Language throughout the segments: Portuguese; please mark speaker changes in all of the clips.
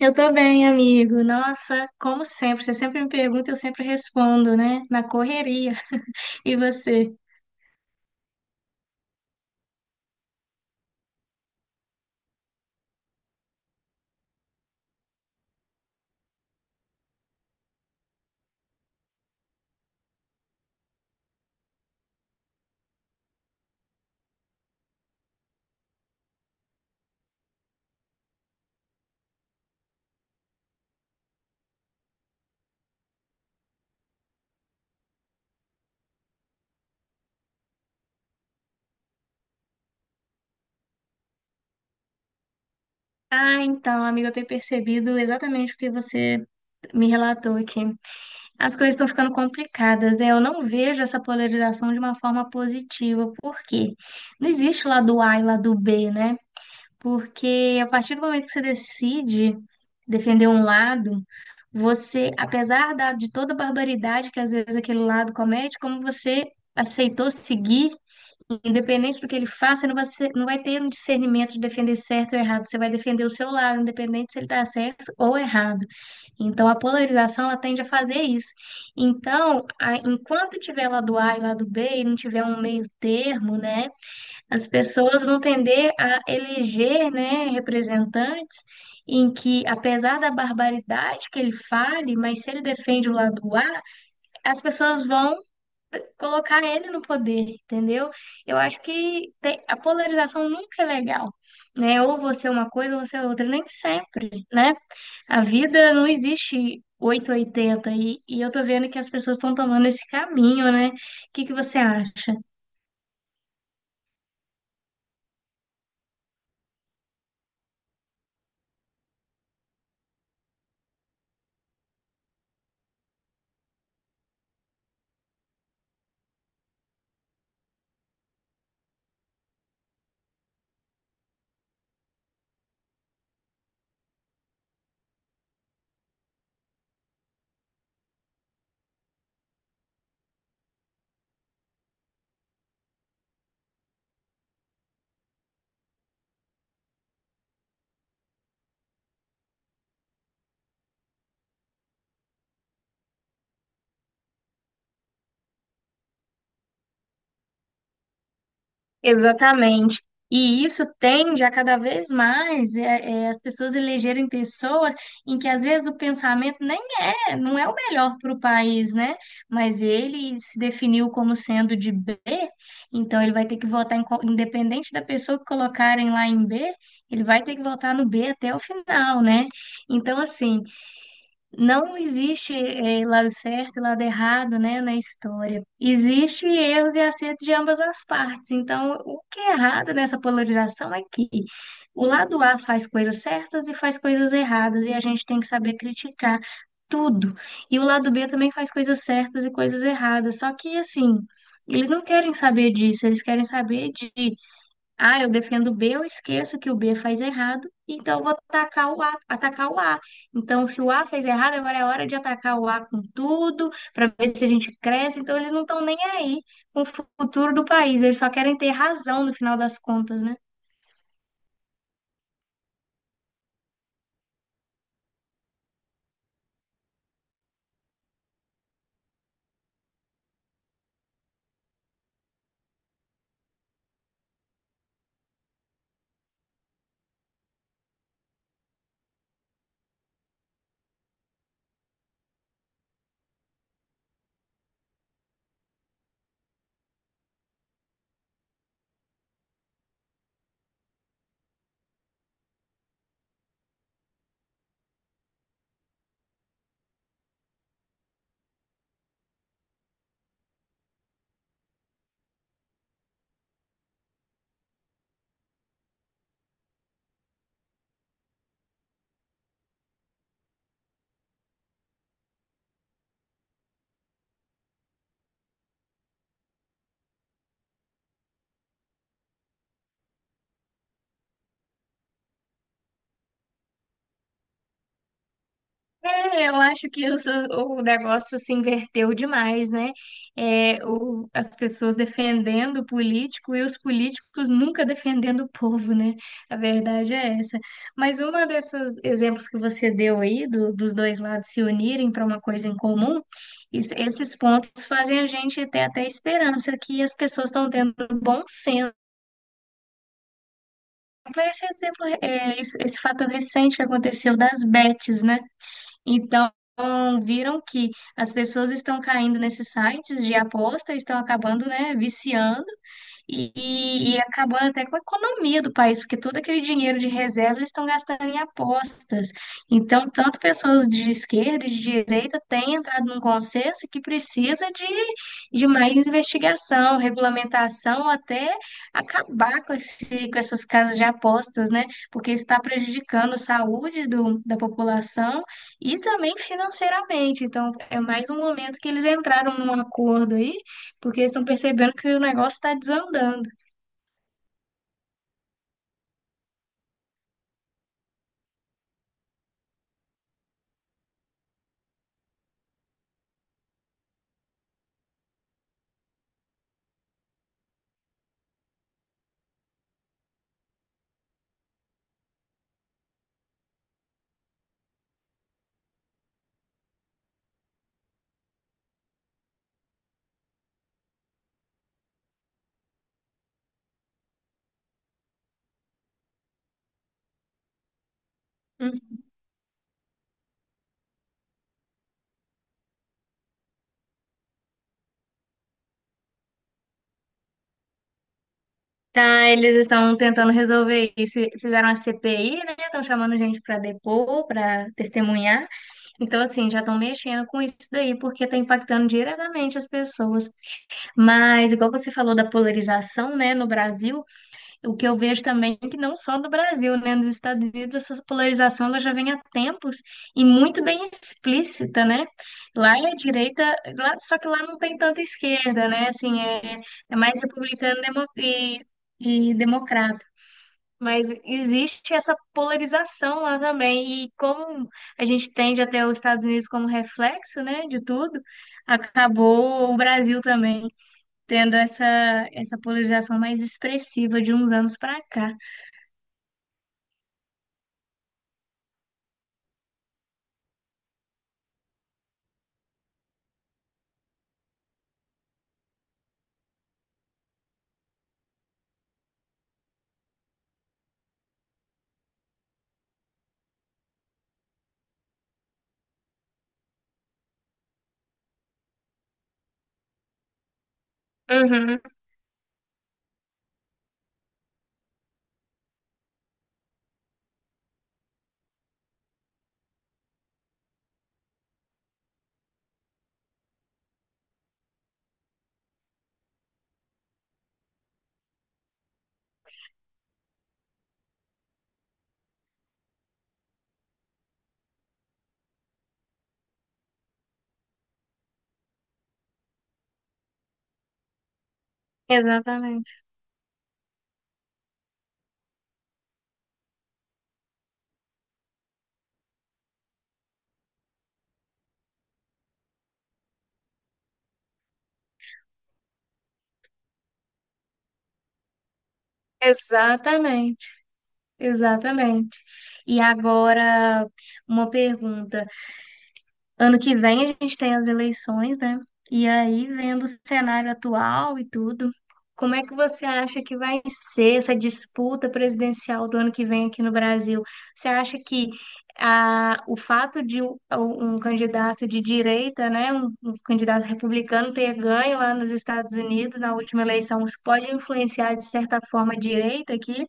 Speaker 1: Eu tô bem, amigo. Nossa, como sempre, você sempre me pergunta, eu sempre respondo, né? Na correria. E você? Ah, então, amigo, eu tenho percebido exatamente o que você me relatou aqui. As coisas estão ficando complicadas, né? Eu não vejo essa polarização de uma forma positiva, porque não existe o lado A e o lado B, né? Porque a partir do momento que você decide defender um lado, você, apesar de toda a barbaridade que às vezes aquele lado comete, como você aceitou seguir, independente do que ele faça, você não vai ter um discernimento de defender certo ou errado. Você vai defender o seu lado, independente se ele está certo ou errado. Então, a polarização, ela tende a fazer isso. Então, enquanto tiver lado A e lado B e não tiver um meio termo, né? As pessoas vão tender a eleger, né, representantes em que, apesar da barbaridade que ele fale, mas se ele defende o lado A, as pessoas vão colocar ele no poder, entendeu? Eu acho que a polarização nunca é legal, né? Ou você é uma coisa ou você é outra, nem sempre, né? A vida não existe 880 e, oitenta e eu tô vendo que as pessoas estão tomando esse caminho, né? O que que você acha? Exatamente. E isso tende a cada vez mais as pessoas elegerem pessoas em que às vezes o pensamento nem não é o melhor para o país, né? Mas ele se definiu como sendo de B, então ele vai ter que votar em independente da pessoa que colocarem lá em B, ele vai ter que votar no B até o final, né? Então, assim, não existe lado certo e lado errado, né, na história. Existe erros e acertos de ambas as partes. Então, o que é errado nessa polarização é que o lado A faz coisas certas e faz coisas erradas, e a gente tem que saber criticar tudo. E o lado B também faz coisas certas e coisas erradas. Só que, assim, eles não querem saber disso, eles querem saber de eu defendo o B, eu esqueço que o B faz errado, então eu vou atacar o A. Então, se o A fez errado, agora é hora de atacar o A com tudo, para ver se a gente cresce. Então, eles não estão nem aí com o futuro do país, eles só querem ter razão no final das contas, né? É, eu acho que o negócio se inverteu demais, né? É, as pessoas defendendo o político e os políticos nunca defendendo o povo, né? A verdade é essa. Mas uma desses exemplos que você deu aí, dos dois lados se unirem para uma coisa em comum, esses pontos fazem a gente ter até esperança que as pessoas estão tendo bom senso. Pra Esse exemplo, é, esse fato recente que aconteceu das bets, né? Então, viram que as pessoas estão caindo nesses sites de aposta, estão acabando, né, viciando e acabando até com a economia do país, porque todo aquele dinheiro de reserva eles estão gastando em apostas. Então, tanto pessoas de esquerda e de direita têm entrado num consenso que precisa de mais investigação, regulamentação, até acabar com com essas casas de apostas, né? Porque está prejudicando a saúde da população e também financeiramente. Então, é mais um momento que eles entraram num acordo aí porque eles estão percebendo que o negócio está desandando. Hum. Tá, eles estão tentando resolver isso. Fizeram a CPI, né? Estão chamando gente para depor, para testemunhar. Então, assim, já estão mexendo com isso daí, porque está impactando diretamente as pessoas. Mas, igual você falou da polarização, né, no Brasil, o que eu vejo também é que não só no Brasil, né? Nos Estados Unidos essa polarização ela já vem há tempos e muito bem explícita, né? Lá é a direita, lá, só que lá não tem tanta esquerda, né? Assim, é mais republicano e democrata. Mas existe essa polarização lá também. E como a gente tende até os Estados Unidos como reflexo, né, de tudo, acabou o Brasil também tendo essa polarização mais expressiva de uns anos para cá. Uhum, exatamente, exatamente, exatamente. E agora, uma pergunta. Ano que vem a gente tem as eleições, né? E aí, vendo o cenário atual e tudo, como é que você acha que vai ser essa disputa presidencial do ano que vem aqui no Brasil? Você acha que o fato de um candidato de direita, né, um candidato republicano ter ganho lá nos Estados Unidos na última eleição, isso pode influenciar de certa forma a direita aqui?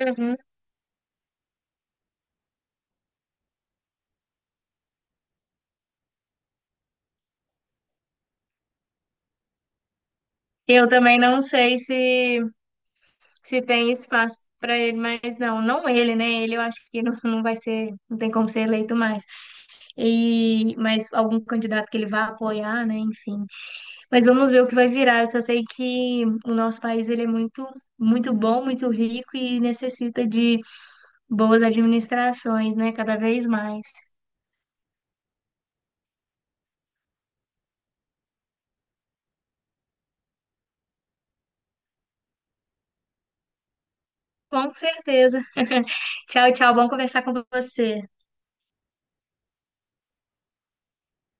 Speaker 1: Uhum. Eu também não sei se tem espaço para ele, mas não, não ele, né? Ele eu acho que não, não vai ser, não tem como ser eleito mais. E mas algum candidato que ele vá apoiar, né? Enfim. Mas vamos ver o que vai virar. Eu só sei que o nosso país ele é muito, muito bom, muito rico e necessita de boas administrações, né? Cada vez mais. Com certeza. Tchau, tchau. Bom conversar com você.